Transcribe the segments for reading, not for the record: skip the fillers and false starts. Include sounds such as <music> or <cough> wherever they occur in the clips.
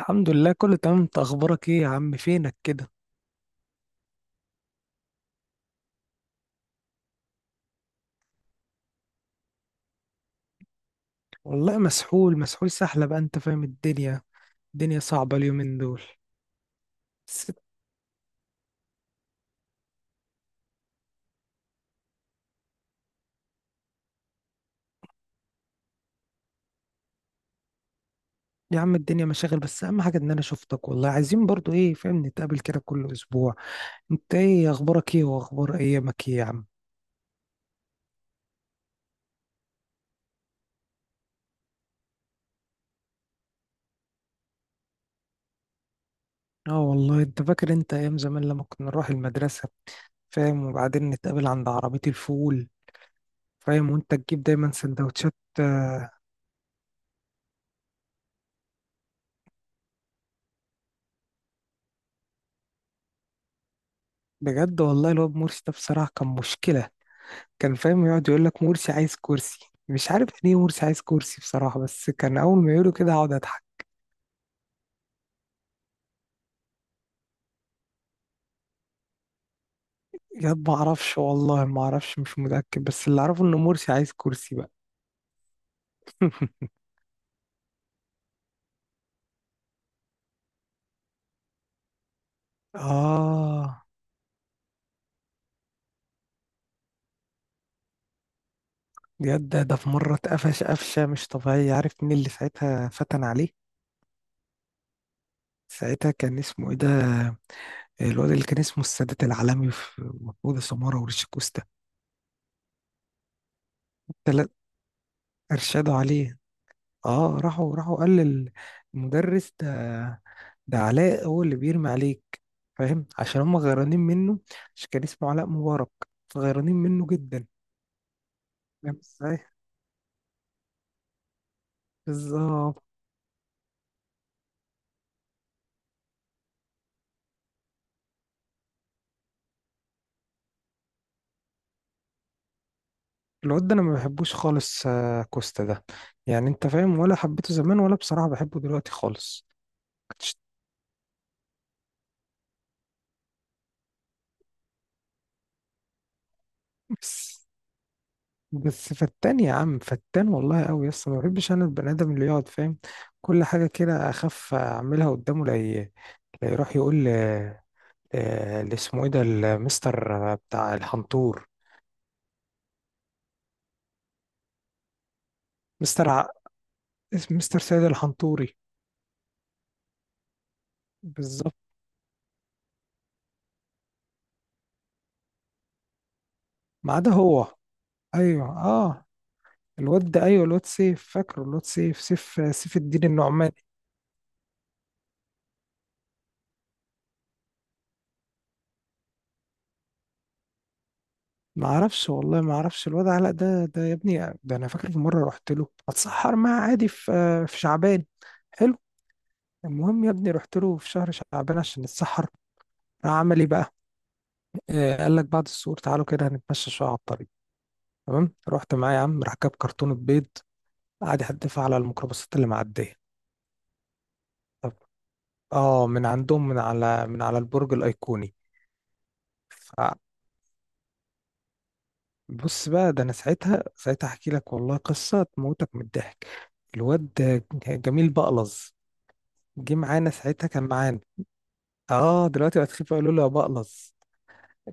الحمد لله، كله تمام. انت اخبارك ايه يا عم؟ فينك كده؟ والله مسحول مسحول سحلة بقى، انت فاهم الدنيا. الدنيا صعبة اليومين دول، بس. يا عم الدنيا مشاغل، بس اهم حاجة ان انا شفتك والله. عايزين برضو ايه فاهم نتقابل كده كل اسبوع. انت ايه اخبارك، ايه واخبار ايامك ايه يا عم؟ اه والله، انت فاكر انت ايام زمان لما كنا نروح المدرسة؟ فاهم؟ وبعدين نتقابل عند عربية الفول. فاهم؟ وانت تجيب دايما سندوتشات. بجد والله، الواد مرسي ده بصراحة كان مشكلة. كان فاهم يقعد يقول لك مرسي عايز كرسي. مش عارف يعني ايه مرسي عايز كرسي بصراحة، بس كان اول ما يقوله كده اقعد اضحك. ياد ما اعرفش والله، ما اعرفش مش متأكد، بس اللي اعرفه ان مرسي عايز كرسي بقى. <laughs> اه. ياد ده في مرة اتقفش قفشة مش طبيعية. عارف مين اللي ساعتها فتن عليه؟ ساعتها كان اسمه ايه ده؟ الواد اللي كان اسمه السادات العالمي، في محمود سمارة ورشيد كوستا، التلات ارشدوا عليه. اه، راحوا راحوا قال للمدرس ده. ده علاء هو اللي بيرمي عليك. فاهم؟ عشان هم غيرانين منه. عشان كان اسمه علاء مبارك. غيرانين منه جدا. فاهم ازاي؟ بالظبط. الواد ده انا ما بحبوش خالص. كوستا ده يعني، انت فاهم؟ ولا حبيته زمان، ولا بصراحة بحبه دلوقتي خالص. كنتش- بس. بس فتان يا عم، فتان والله قوي. يس ما بحبش انا البني ادم اللي يقعد فاهم كل حاجة كده. اخاف اعملها قدامه لا يروح يقول. اللي اسمه ايه ده المستر بتاع الحنطور؟ مستر ع... مستر سيد الحنطوري. بالظبط. ما عدا هو. ايوه، اه الواد ده ايوه، الواد سيف. فاكره الواد سيف الدين النعماني. ما اعرفش والله، ما اعرفش. الواد علاء ده يا ابني، ده انا فاكر في مره رحت له اتسحر معاه عادي، في شعبان. حلو. المهم يا ابني رحت له في شهر شعبان عشان نتسحر. راح عمل ايه بقى؟ قال لك بعد السور تعالوا كده هنتمشى شويه على الطريق. تمام، رحت معاه يا عم. راح جاب كرتونه بيض، قاعد يحدفها على الميكروباصات اللي معدية. طب. اه، من عندهم، من على البرج الأيقوني. فبص بقى، ده أنا ساعتها، أحكي لك والله قصة تموتك من الضحك. الواد جميل بقلظ جه معانا ساعتها. كان معانا. اه دلوقتي بقت خفيفة، يقولوا له يا بقلظ.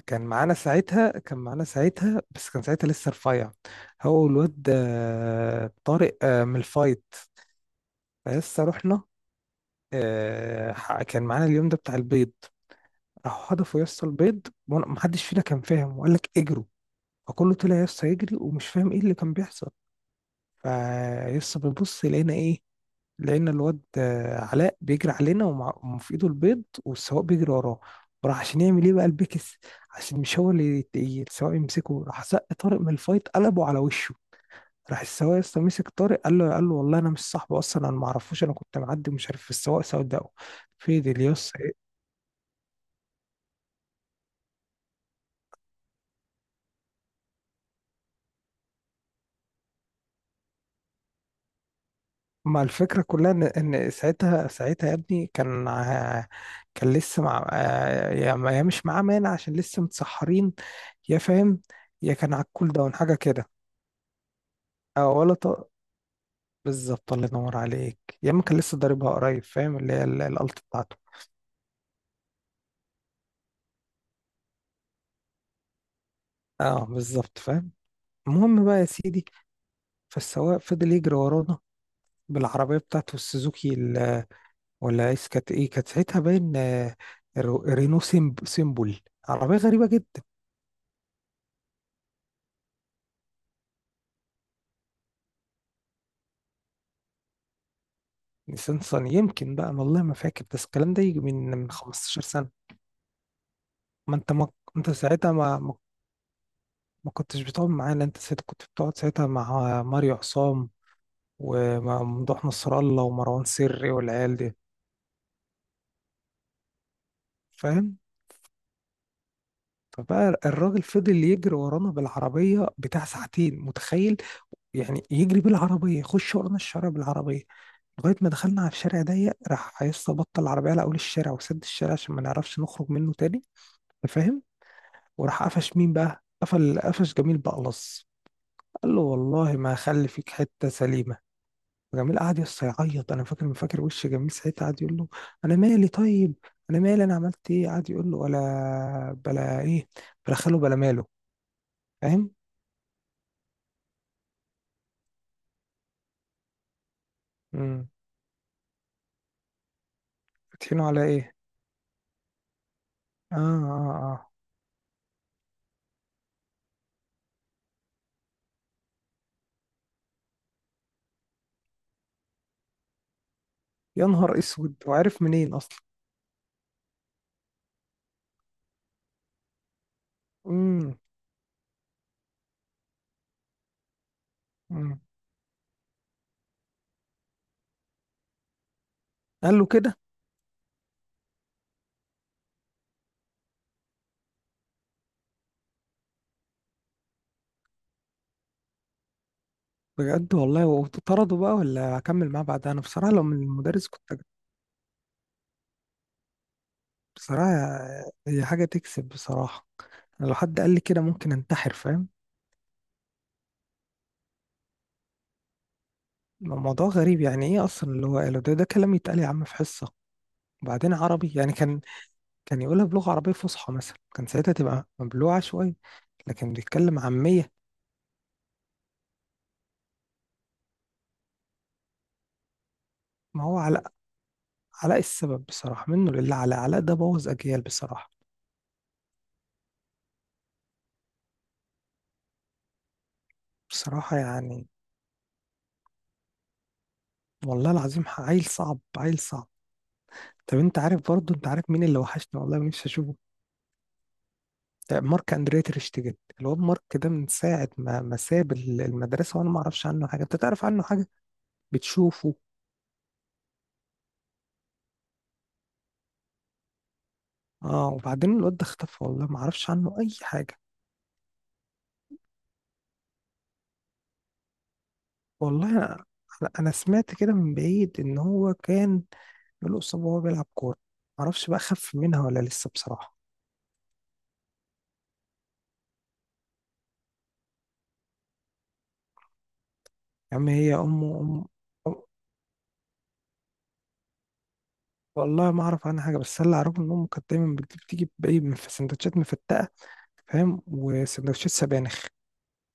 كان معانا ساعتها، بس كان ساعتها لسه رفيع، هو والواد طارق من الفايت. فلسه رحنا. كان معانا اليوم ده بتاع البيض. هدفه يا اسطى البيض. محدش فينا كان فاهم، وقال لك اجروا. فكله طلع يا اسطى يجري، ومش فاهم ايه اللي كان بيحصل. فيا اسطى بنبص لقينا ايه؟ لقينا الواد علاء بيجري علينا، وفي ايده البيض، والسواق بيجري وراه. وراح عشان يعمل ايه بقى البكس، عشان مش هو اللي السواق يمسكه. راح سق طارق من الفايت قلبه على وشه. راح السواق يا اسطى مسك طارق. قال له والله انا مش صاحبه اصلا، انا ما اعرفوش، انا كنت معدي ومش عارف السواق سوداء. فضل يا اسطى. ما الفكرة كلها إن ساعتها، يا ابني كان كان لسه مع يا مش معاه مانع عشان لسه متسحرين، يا فاهم، يا كان على الكول داون حاجة كده. أو ولا طاق. بالظبط، الله ينور عليك. يا إما كان لسه ضاربها قريب فاهم اللي هي الألت بتاعته. أه بالظبط، فاهم. المهم بقى يا سيدي، فالسواق فضل يجري ورانا بالعربية بتاعته السوزوكي ولا إيه. كانت ساعتها باين رينو سيمبل، عربية غريبة جدا. نيسان صني يمكن بقى، أنا والله ما فاكر. بس الكلام ده يجي من 15 سنة. ما انت ما انت ساعتها، ما كنتش بتقعد معانا. انت ساعتها كنت بتقعد ساعتها مع ماريو عصام وممدوح نصر الله ومروان سري والعيال دي. فاهم؟ فبقى الراجل فضل يجري ورانا بالعربية بتاع ساعتين، متخيل؟ يعني يجري بالعربية، يخش ورانا الشارع بالعربية، لغاية ما دخلنا على الشارع ضيق. راح عايز بطل العربية على أول الشارع وسد الشارع عشان ما نعرفش نخرج منه تاني. أنت فاهم؟ وراح قفش مين بقى؟ قفش جميل بألص. قال له والله ما هخلي فيك حتة سليمة. جميل قعد يس يعيط. انا فاكر، وش جميل ساعتها. قعد يقول له انا مالي طيب، انا مالي، انا عملت ايه؟ قعد يقول له ولا بلا ايه، بلا خاله بلا ماله. فاهم؟ امم. فاتحينه على ايه؟ اه اه اه. يا نهار اسود، وعرف منين اصلا؟ امم. امم. قال له كده؟ بجد والله؟ وطرده بقى ولا هكمل معاه بعدها؟ انا بصراحة لو من المدرس كنت. بصراحة هي حاجة تكسب، بصراحة. أنا لو حد قال لي كده ممكن انتحر، فاهم؟ الموضوع غريب. يعني ايه اصلا اللي هو قاله ده؟ ده كلام يتقال يا عم في حصه؟ وبعدين عربي. يعني كان يقولها بلغه عربيه فصحى مثلا كان ساعتها تبقى مبلوعه شويه، لكن بيتكلم عاميه. ما هو علاء. السبب بصراحه، منه لله. علاء، ده بوظ اجيال بصراحه. بصراحه يعني والله العظيم عيل صعب، عيل صعب. طب انت عارف برضه، انت عارف مين اللي وحشني والله نفسي اشوفه؟ مارك اندريا تير شتيجن. الواد مارك ده من ساعه ما ساب المدرسه وانا ما اعرفش عنه حاجه. انت تعرف عنه حاجه؟ بتشوفه؟ اه، وبعدين الواد ده اختفى والله ما اعرفش عنه اي حاجه. والله انا، سمعت كده من بعيد ان هو كان له اصابه وهو بيلعب كوره. ما اعرفش بقى خف منها ولا لسه بصراحه. يا عم هي امه أم- والله ما اعرف عنها حاجه، بس اللي اعرفه ان امه كانت دايما بتجيب تيجي باي من في سندوتشات مفتقه. فاهم؟ وسندوتشات سبانخ.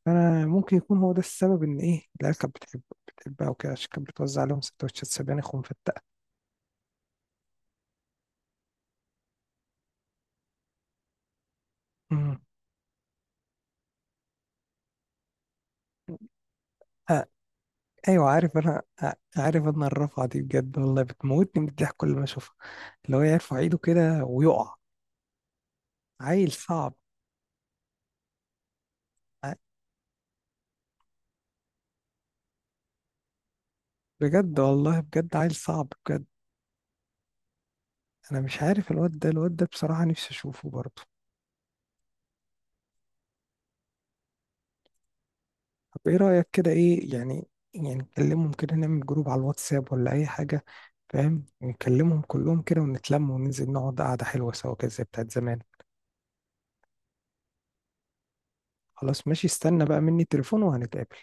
فانا ممكن يكون هو ده السبب ان ايه العيال كانت بتحبها وكده، عشان كانت بتوزع عليهم سندوتشات سبانخ ومفتقه. امم. ايوه عارف انا، الرفعه دي بجد والله بتموتني من الضحك كل ما اشوفها، اللي هو يرفع ايده كده ويقع. عيل صعب. ع- بجد والله، بجد عيل صعب بجد. انا مش عارف الواد ده، بصراحه نفسي اشوفه برضه. طب ايه رايك كده، ايه يعني؟ يعني نكلمهم كده، نعمل جروب على الواتساب ولا اي حاجه؟ فاهم؟ نكلمهم كلهم كده ونتلم وننزل نقعد قعده حلوه سوا كده زي بتاعت زمان. خلاص ماشي، استنى بقى مني تليفون وهنتقابل.